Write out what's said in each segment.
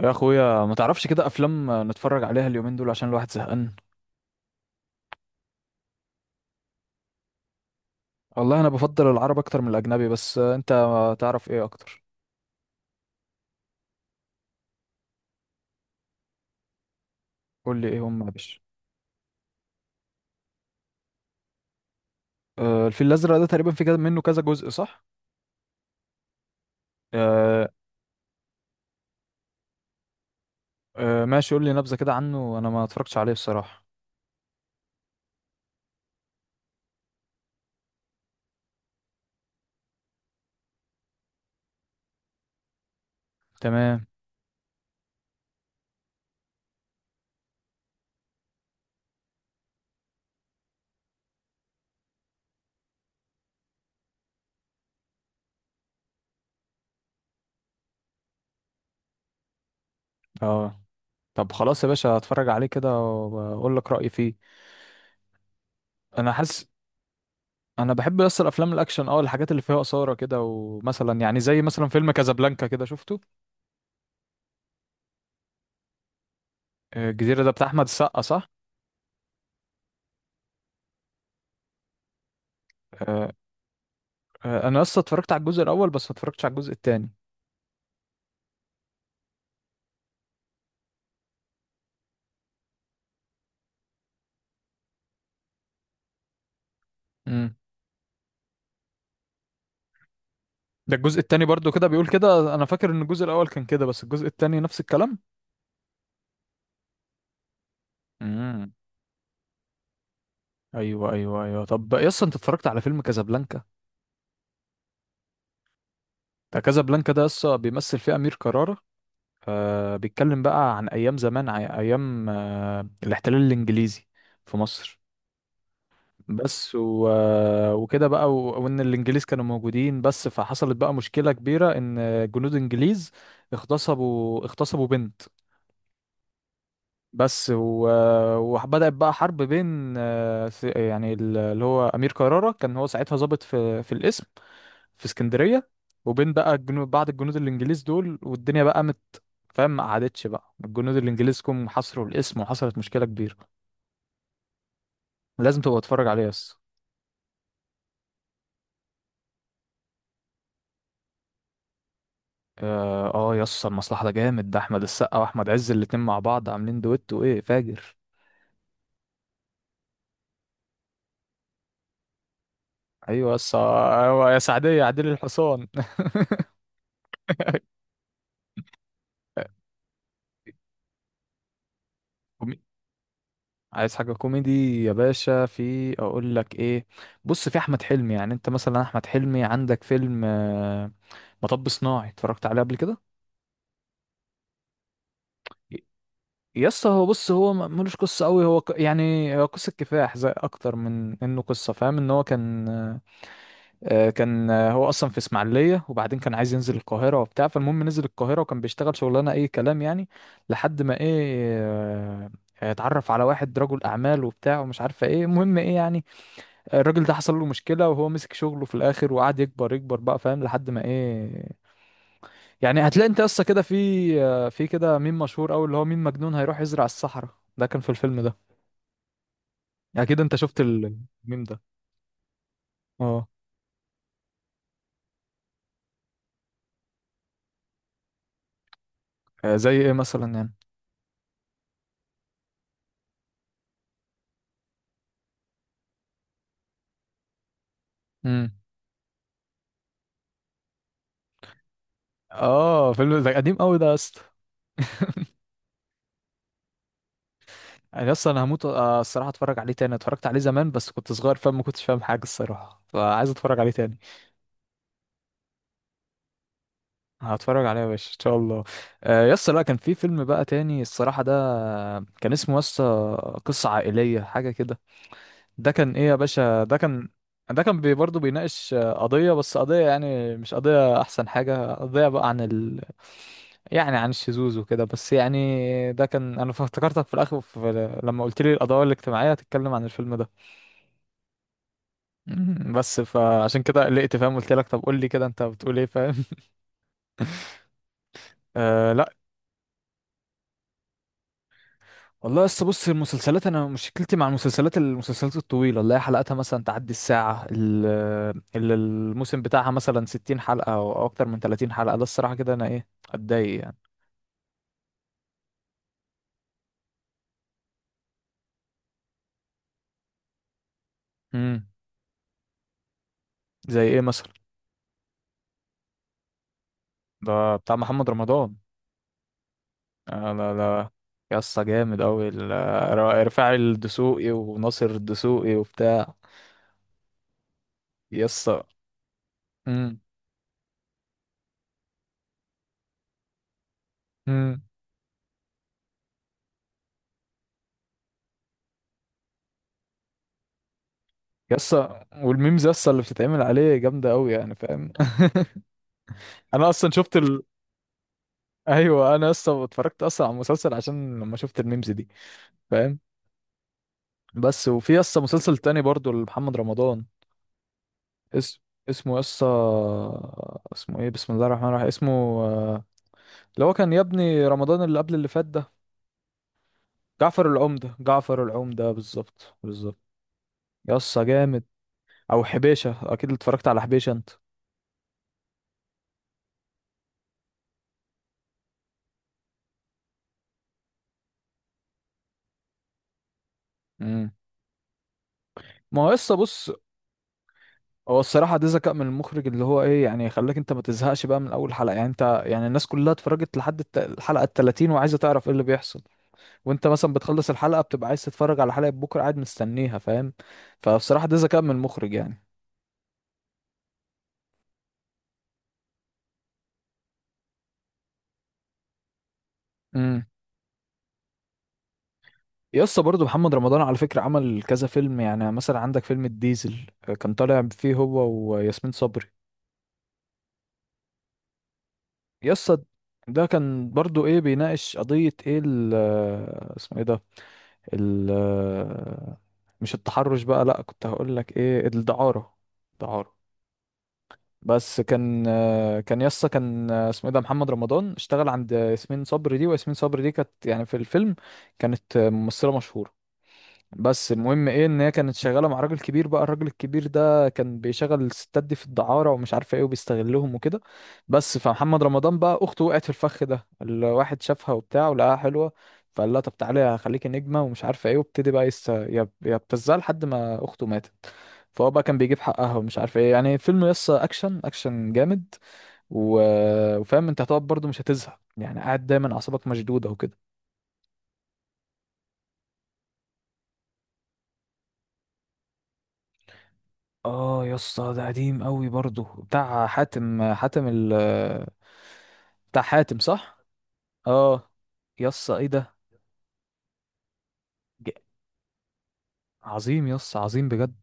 يا اخويا، ما تعرفش كده افلام نتفرج عليها اليومين دول عشان الواحد زهقان؟ والله انا بفضل العرب اكتر من الاجنبي، بس انت تعرف ايه اكتر؟ قول لي ايه هم يا باشا. آه، الفيل الازرق ده تقريبا في كده منه كذا جزء صح؟ آه. آه، ماشي، قول لي نبذة كده عنه، انا ما اتفرجتش عليه الصراحة. تمام. اه. طب خلاص يا باشا، اتفرج عليه كده واقول لك رايي فيه. انا حاسس. انا بحب بس الافلام الاكشن، الحاجات اللي فيها اثاره كده، ومثلا يعني زي مثلا فيلم كازابلانكا، كده شفته؟ آه، الجزيره ده بتاع احمد السقا صح؟ آه. آه، انا اصلا اتفرجت على الجزء الاول، بس ما اتفرجتش على الجزء التاني. امم. ده الجزء التاني برضو كده بيقول كده، انا فاكر ان الجزء الاول كان كده، بس الجزء التاني نفس الكلام. امم. ايوه، ايوه، ايوه، طب يا اسطى، انت اتفرجت على فيلم كازابلانكا؟ ده كازابلانكا ده يسطا بيمثل فيه امير كرارة. آه، بيتكلم بقى عن ايام زمان، ايام الاحتلال الانجليزي في مصر. بس و... آه، وكده بقى وان الانجليز كانوا موجودين، بس فحصلت بقى مشكلة كبيرة، ان جنود انجليز اغتصبوا بنت. بس و... وبدأت بقى حرب بين يعني اللي هو أمير كرارة كان هو ساعتها ضابط في القسم في اسكندرية، وبين بقى الجنود، بعض الجنود الإنجليز دول، والدنيا بقى قامت. فاهم؟ ما قعدتش، بقى الجنود الإنجليز جم حصروا القسم وحصلت مشكلة كبيرة. لازم تبقى تتفرج عليه يس. اه. آه، يس، المصلحة ده جامد، ده أحمد السقا وأحمد عز الاتنين مع بعض عاملين دويتو، وإيه، فاجر. أيوة يس، آه، أيوة يا سعدية عديل الحصان. عايز حاجة كوميدي يا باشا، في اقول لك ايه. بص، في احمد حلمي، يعني انت مثلا احمد حلمي عندك فيلم مطب صناعي، اتفرجت عليه قبل كده؟ يس، هو بص، هو ملوش قصة قوي، هو يعني هو قصة كفاح زي، اكتر من انه قصة، فاهم؟ ان هو كان، كان، هو اصلا في اسماعيلية، وبعدين كان عايز ينزل القاهرة وبتاع، فالمهم نزل القاهرة وكان بيشتغل شغلانة اي كلام يعني، لحد ما ايه، آه، اتعرف على واحد رجل اعمال وبتاع، ومش عارفة ايه، المهم ايه يعني، الراجل ده حصل له مشكلة، وهو مسك شغله في الآخر وقعد يكبر يكبر بقى، فاهم، لحد ما إيه، يعني هتلاقي أنت أصلا كده في كده ميم مشهور أوي، اللي هو ميم مجنون هيروح يزرع الصحراء، ده كان في الفيلم ده. يعني أكيد أنت شفت الميم ده. أه. آه، زي إيه مثلا يعني؟ امم. أه، فيلم ده قديم أوي ده يا اسطى. يعني أصلا أنا هموت، الصراحة أتفرج عليه تاني، اتفرجت عليه زمان بس كنت صغير، فما كنتش فاهم حاجة الصراحة، فعايز أتفرج عليه تاني. هتفرج عليها يا باشا ان شاء الله. آه، يا اسطى، لا، كان في فيلم بقى تاني الصراحه، ده كان اسمه يا اسطى قصه عائليه حاجه كده. ده كان ايه يا باشا، ده كان، ده كان برضه بيناقش، قضيه، بس قضيه يعني، مش قضيه احسن حاجه، قضيه بقى عن ال، يعني عن الشذوذ وكده، بس يعني ده كان، انا افتكرتك في الاخر لما قلت لي القضايا الاجتماعيه هتتكلم عن الفيلم ده. بس فعشان كده قلقت، فاهم، قلت لك طب قول لي كده انت بتقول ايه، فاهم. آه، لا. والله لسه، بص، المسلسلات، انا مشكلتي مع المسلسلات، المسلسلات الطويله اللي هي حلقاتها مثلا تعدي الساعه اللي الموسم بتاعها مثلا 60 حلقه او اكتر من 30 حلقه، ده الصراحه كده انا ايه، اتضايق يعني. امم. زي ايه مثلا؟ ده بتاع محمد رمضان. آه، لا لا، يا اسطى جامد قوي، رفاعي الدسوقي وناصر الدسوقي وبتاع، يا اسطى. امم. امم. يا اسطى، والميمز يا اسطى اللي بتتعمل عليه جامده قوي يعني، فاهم. انا اصلا شفت ايوه، انا اصلا اتفرجت اصلا على المسلسل عشان لما شفت الميمز دي، فاهم. بس وفي اصلا مسلسل تاني برضو لمحمد رمضان. اسم اسمه يسا، اسمه ايه، بسم الله الرحمن الرحيم، اسمه، آه، اللي هو كان يا ابني رمضان، اللي قبل اللي فات ده. جعفر العمدة، جعفر العمدة بالظبط بالظبط. يسا جامد. او حبيشة، اكيد اتفرجت على حبيشة انت. امم. ما هو يسا، بص، هو الصراحة ده ذكاء من المخرج، اللي هو ايه يعني، خلاك انت ما تزهقش بقى من اول حلقة، يعني انت، يعني الناس كلها اتفرجت لحد الحلقة التلاتين، وعايزة تعرف ايه اللي بيحصل، وانت مثلا بتخلص الحلقة بتبقى عايز تتفرج على حلقة بكرة، قاعد مستنيها، فاهم. فبصراحة ده ذكاء من المخرج يعني. امم. يسطا برضه محمد رمضان على فكرة عمل كذا فيلم، يعني مثلا عندك فيلم الديزل، كان طالع فيه هو وياسمين صبري. يسطا، ده كان برضه ايه، بيناقش قضية ايه اسمه ايه ده، ال، مش التحرش بقى، لا كنت هقول لك ايه، الدعارة، دعارة، بس كان، كان يسا كان اسمه ايه ده، محمد رمضان اشتغل عند ياسمين صبري دي، وياسمين صبري دي كانت يعني في الفيلم كانت ممثلة مشهورة، بس المهم ايه، ان هي كانت شغاله مع راجل كبير بقى، الراجل الكبير ده كان بيشغل الستات دي في الدعاره ومش عارفه ايه، وبيستغلهم وكده. بس فمحمد رمضان بقى اخته وقعت في الفخ ده، الواحد شافها وبتاع ولقاها حلوه، فقال لها طب تعالي هخليكي نجمه ومش عارفه ايه، وابتدي بقى يبتزها لحد ما اخته ماتت، فهو بقى كان بيجيب حقها ومش عارف ايه، يعني فيلم يسا اكشن اكشن جامد. و... وفاهم انت هتقعد برضو مش هتزهق، يعني قاعد دايما اعصابك مشدوده وكده. اه يا اسطى، ده قديم قوي برضه، بتاع حاتم ال، بتاع حاتم صح؟ اه، يا اسطى ايه ده، ج- عظيم يا اسطى، عظيم بجد.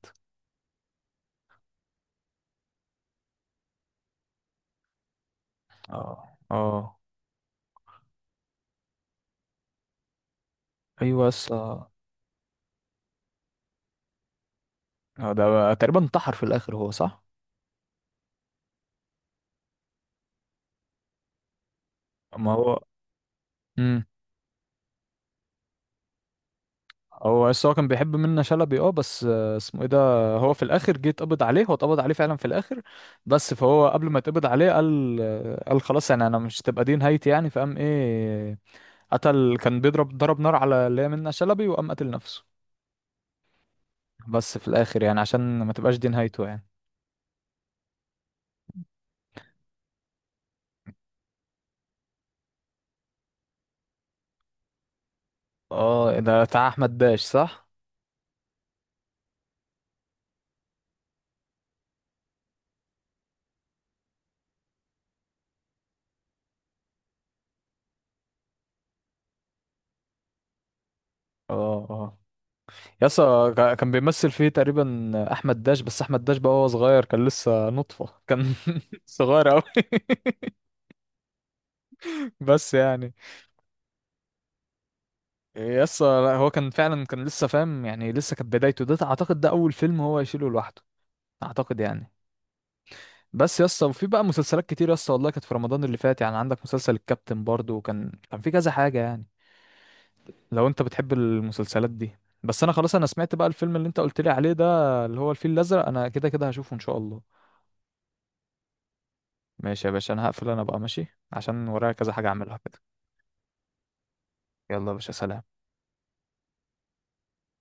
اه، اه، ايوه يا اسطى. آه، ده تقريبا انتحر في الاخر هو صح؟ ما هو، امم، هو بس هو كان بيحب منة شلبي، اه، بس اسمه ايه ده، هو في الاخر جه اتقبض عليه، هو اتقبض عليه فعلا في الاخر، بس فهو قبل ما اتقبض عليه قال، قال خلاص، يعني انا مش تبقى دي نهايتي يعني، فقام ايه، قتل، كان بيضرب ضرب نار على اللي هي منة شلبي، وقام قتل نفسه، بس في الاخر يعني عشان ما تبقاش دي نهايته يعني. اه، ده بتاع احمد داش صح. اه، اه، يسا كان بيمثل فيه تقريبا احمد داش، بس احمد داش بقى وهو صغير كان لسه نطفة كان، صغير قوي. بس يعني، يسا لا، هو كان فعلا كان لسه، فاهم، يعني لسه كانت بدايته، ده اعتقد ده اول فيلم هو يشيله لوحده، اعتقد يعني. بس يا اسطى، وفي بقى مسلسلات كتير يا اسطى والله، كانت في رمضان اللي فات يعني، عندك مسلسل الكابتن برضو، وكان في كذا حاجة يعني، لو انت بتحب المسلسلات دي. بس انا خلاص، انا سمعت بقى الفيلم اللي انت قلت لي عليه ده، اللي هو الفيل الازرق، انا كده كده هشوفه ان شاء الله. ماشي يا باشا، انا هقفل، انا بقى ماشي عشان ورايا كذا حاجة اعملها كده. يلا يا باشا، سلام.